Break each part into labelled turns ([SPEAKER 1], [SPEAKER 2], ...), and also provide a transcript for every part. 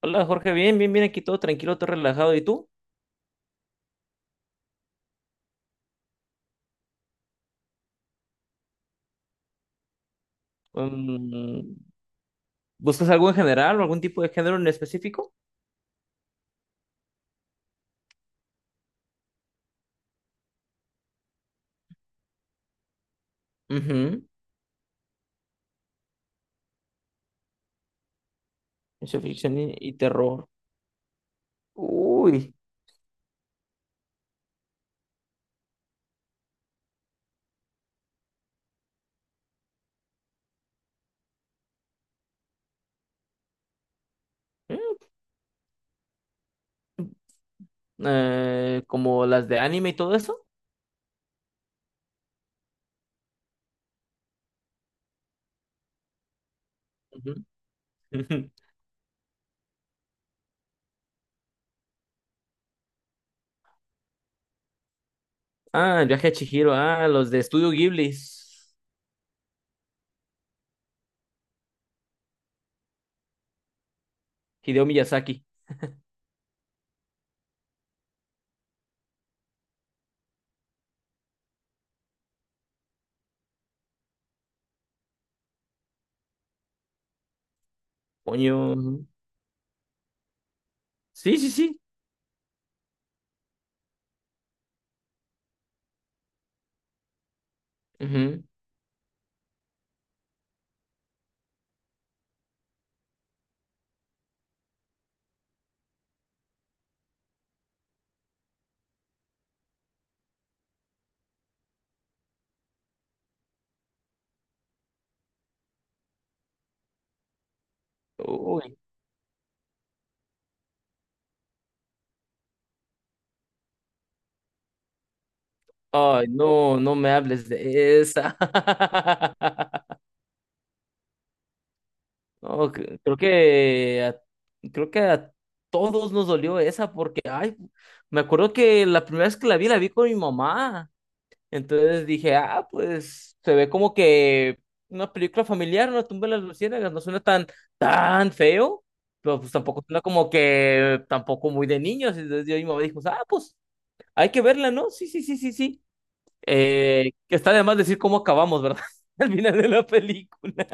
[SPEAKER 1] Hola Jorge, bien, bien, bien, aquí todo tranquilo, todo relajado. ¿Y tú? Mm, ¿Buscas algo en general o algún tipo de género en específico? Ujú. Ciencia ficción y terror. Uy. Como las de anime y todo eso. Ujú. Ah, el viaje a Chihiro, ah, los de Estudio Ghibli. Hideo Miyazaki. Coño. Ujú. Sí, sí, sí. Ujú. Uy. Ay, no, no me hables de esa. No, creo que creo que a todos nos dolió esa porque ay, me acuerdo que la primera vez que la vi con mi mamá. Entonces dije, ah, pues se ve como que una película familiar, una tumba de las luciérnagas, no suena tan tan feo, pero pues tampoco suena como que tampoco muy de niños. Entonces yo y mi mamá dijo, ah, pues hay que verla, ¿no? Sí, sí, sí, sí, sí. Que está de más decir cómo acabamos, ¿verdad? Al final de la película.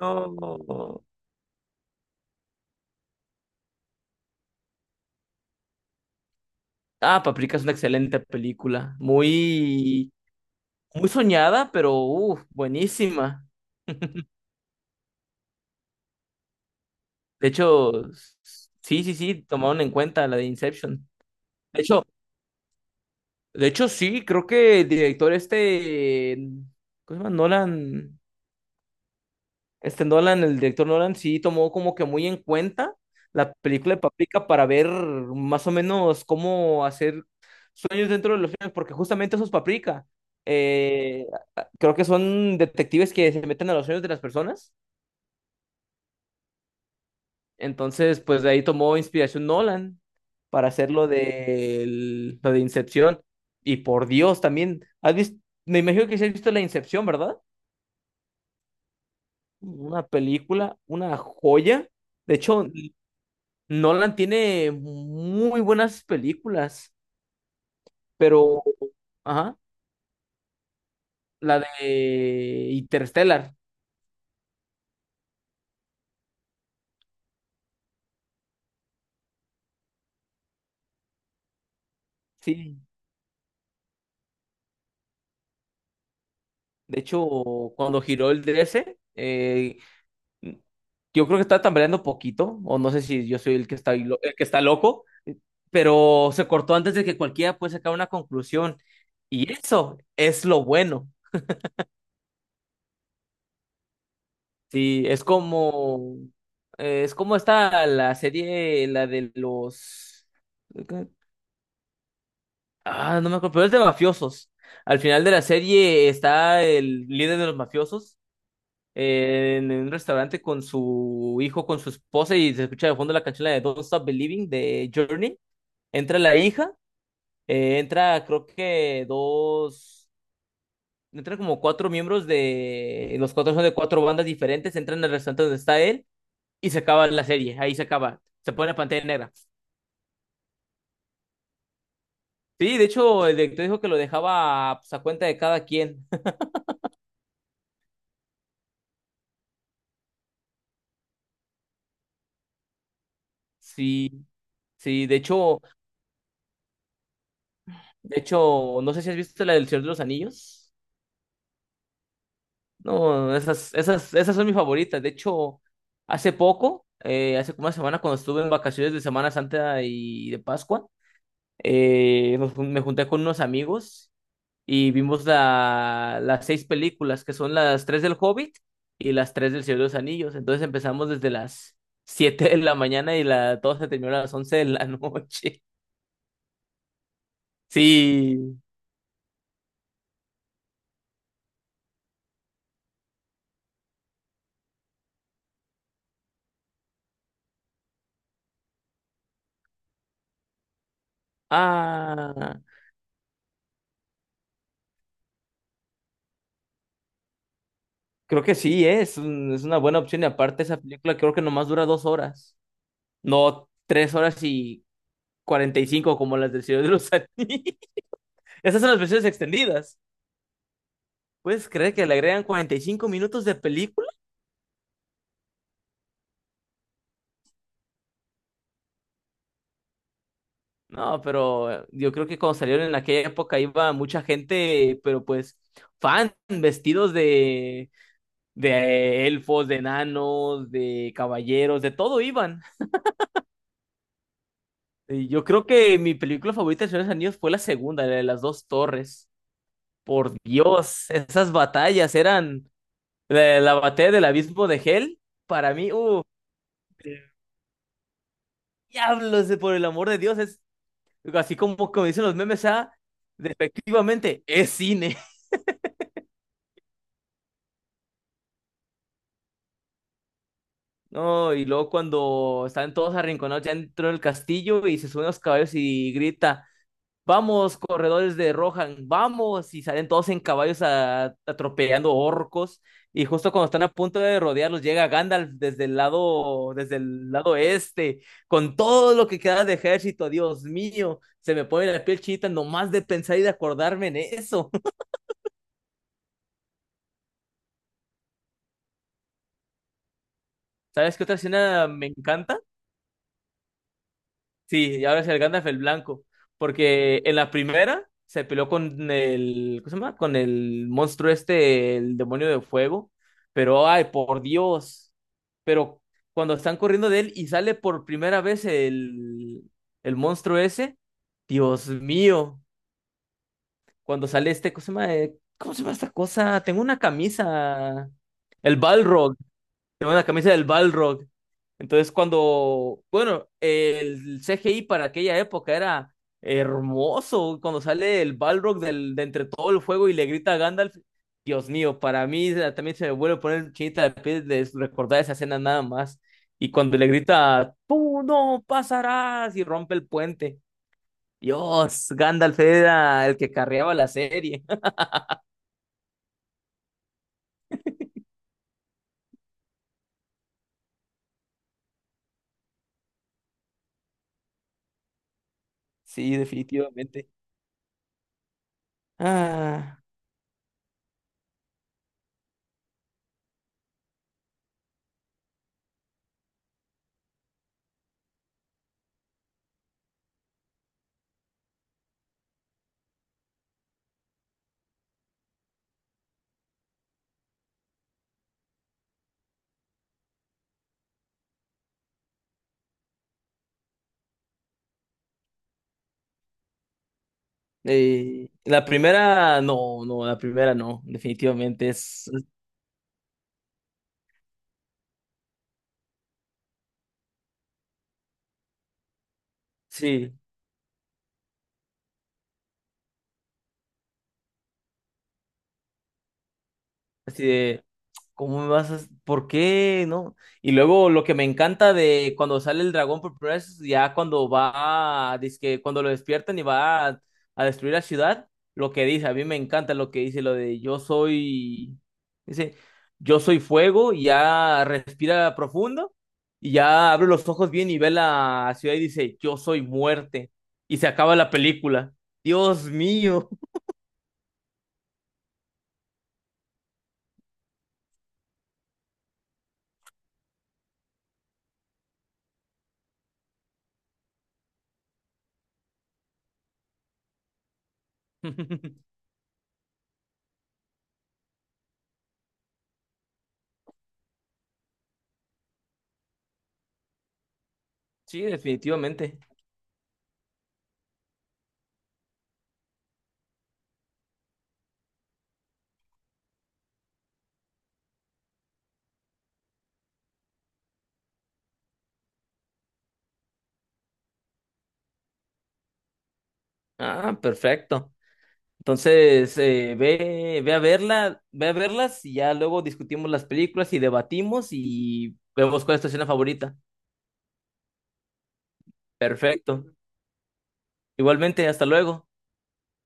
[SPEAKER 1] No. Ah, Paprika es una excelente película. Muy, muy soñada, pero uf, buenísima. De hecho, sí, sí, sí, tomaron en cuenta la de Inception. De hecho, de hecho, sí, creo que el director este, ¿cómo se llama? Nolan, este Nolan, el director Nolan sí tomó como que muy en cuenta la película de Paprika para ver más o menos cómo hacer sueños dentro de los sueños, porque justamente esos paprika, eh, creo que son detectives que se meten a los sueños de las personas. Entonces, pues de ahí tomó inspiración Nolan para hacer lo de Incepción. Y por Dios, también, ¿has visto? Me imagino que sí has visto la Incepción, ¿verdad? Una película, una joya. De hecho, Nolan tiene muy buenas películas, pero, ajá, la de Interstellar. Sí. De hecho, cuando giró el 13, yo creo que estaba tambaleando poquito, o no sé si yo soy el que está, ahí el que está loco, pero se cortó antes de que cualquiera pueda sacar una conclusión. Y eso es lo bueno. Sí, es como está la serie, la de los. Ah, no me acuerdo, pero es de mafiosos. Al final de la serie está el líder de los mafiosos en un restaurante con su hijo, con su esposa, y se escucha de fondo la canción la de Don't Stop Believing de Journey. Entra la hija, entra creo que dos, entran como cuatro miembros de, los cuatro son de cuatro bandas diferentes, entran al restaurante donde está él y se acaba la serie, ahí se acaba, se pone la pantalla negra. Sí, de hecho, el director dijo que lo dejaba pues, a cuenta de cada quien. Sí, sí, de hecho, no sé si has visto la del Señor de los Anillos. No, esas son mis favoritas. De hecho, hace poco, hace como una semana, cuando estuve en vacaciones de Semana Santa y de Pascua, me junté con unos amigos y vimos las seis películas, que son las tres del Hobbit y las tres del Señor de los Anillos. Entonces empezamos desde las 7 de la mañana y todo se terminó a las 11 de la noche. Sí. Ah, creo que sí, es una buena opción. Y aparte, esa película creo que nomás dura 2 horas. No 3 horas y 45 como las del Señor de los Anillos. Esas son las versiones extendidas. ¿Puedes creer que le agregan 45 minutos de película? No, pero yo creo que cuando salieron en aquella época iba mucha gente, pero pues fan, vestidos de elfos, de enanos, de caballeros, de todo iban. Y yo creo que mi película favorita del Señor de los Anillos fue la segunda, la de las dos torres. Por Dios, esas batallas eran. La batalla del abismo de Hell, para mí, diablos, por el amor de Dios, es así como dicen los memes, ah, efectivamente, es cine. ¿No? Y luego cuando están todos arrinconados ya dentro del castillo y se suben los caballos y grita, vamos, corredores de Rohan, vamos. Y salen todos en caballos atropellando orcos. Y justo cuando están a punto de rodearlos, llega Gandalf desde el lado este, con todo lo que queda de ejército. Dios mío, se me pone la piel chinita nomás de pensar y de acordarme en eso. ¿Sabes qué otra escena me encanta? Sí, y ahora es el Gandalf el blanco. Porque en la primera se peleó con el, ¿cómo se llama? Con el monstruo este, el demonio de fuego. Pero, ay, por Dios. Pero cuando están corriendo de él y sale por primera vez el monstruo ese, Dios mío. Cuando sale este, ¿cómo se llama? ¿Cómo se llama esta cosa? Tengo una camisa. El Balrog. Tengo una camisa del Balrog. Entonces, cuando, bueno, el CGI para aquella época era hermoso. Cuando sale el Balrog de entre todo el fuego y le grita a Gandalf, Dios mío, para mí también se me vuelve a poner chinita de piel de recordar esa escena nada más. Y cuando le grita, tú no pasarás, y rompe el puente. Dios, Gandalf era el que carreaba la serie. Sí, definitivamente. Ah, la primera, no, no, la primera no, definitivamente es. Sí, así de, ¿cómo me vas a? ¿Por qué? ¿No? Y luego lo que me encanta de cuando sale el dragón por primera vez, ya cuando va, dizque cuando lo despiertan y va a destruir la ciudad, lo que dice, a mí me encanta lo que dice, lo de yo soy, dice, yo soy fuego, y ya respira profundo, y ya abre los ojos bien y ve la ciudad y dice, yo soy muerte, y se acaba la película. Dios mío. Sí, definitivamente. Ah, perfecto. Entonces, ve a verla, ve a verlas y ya luego discutimos las películas y debatimos y vemos cuál es tu escena favorita. Perfecto. Igualmente, hasta luego.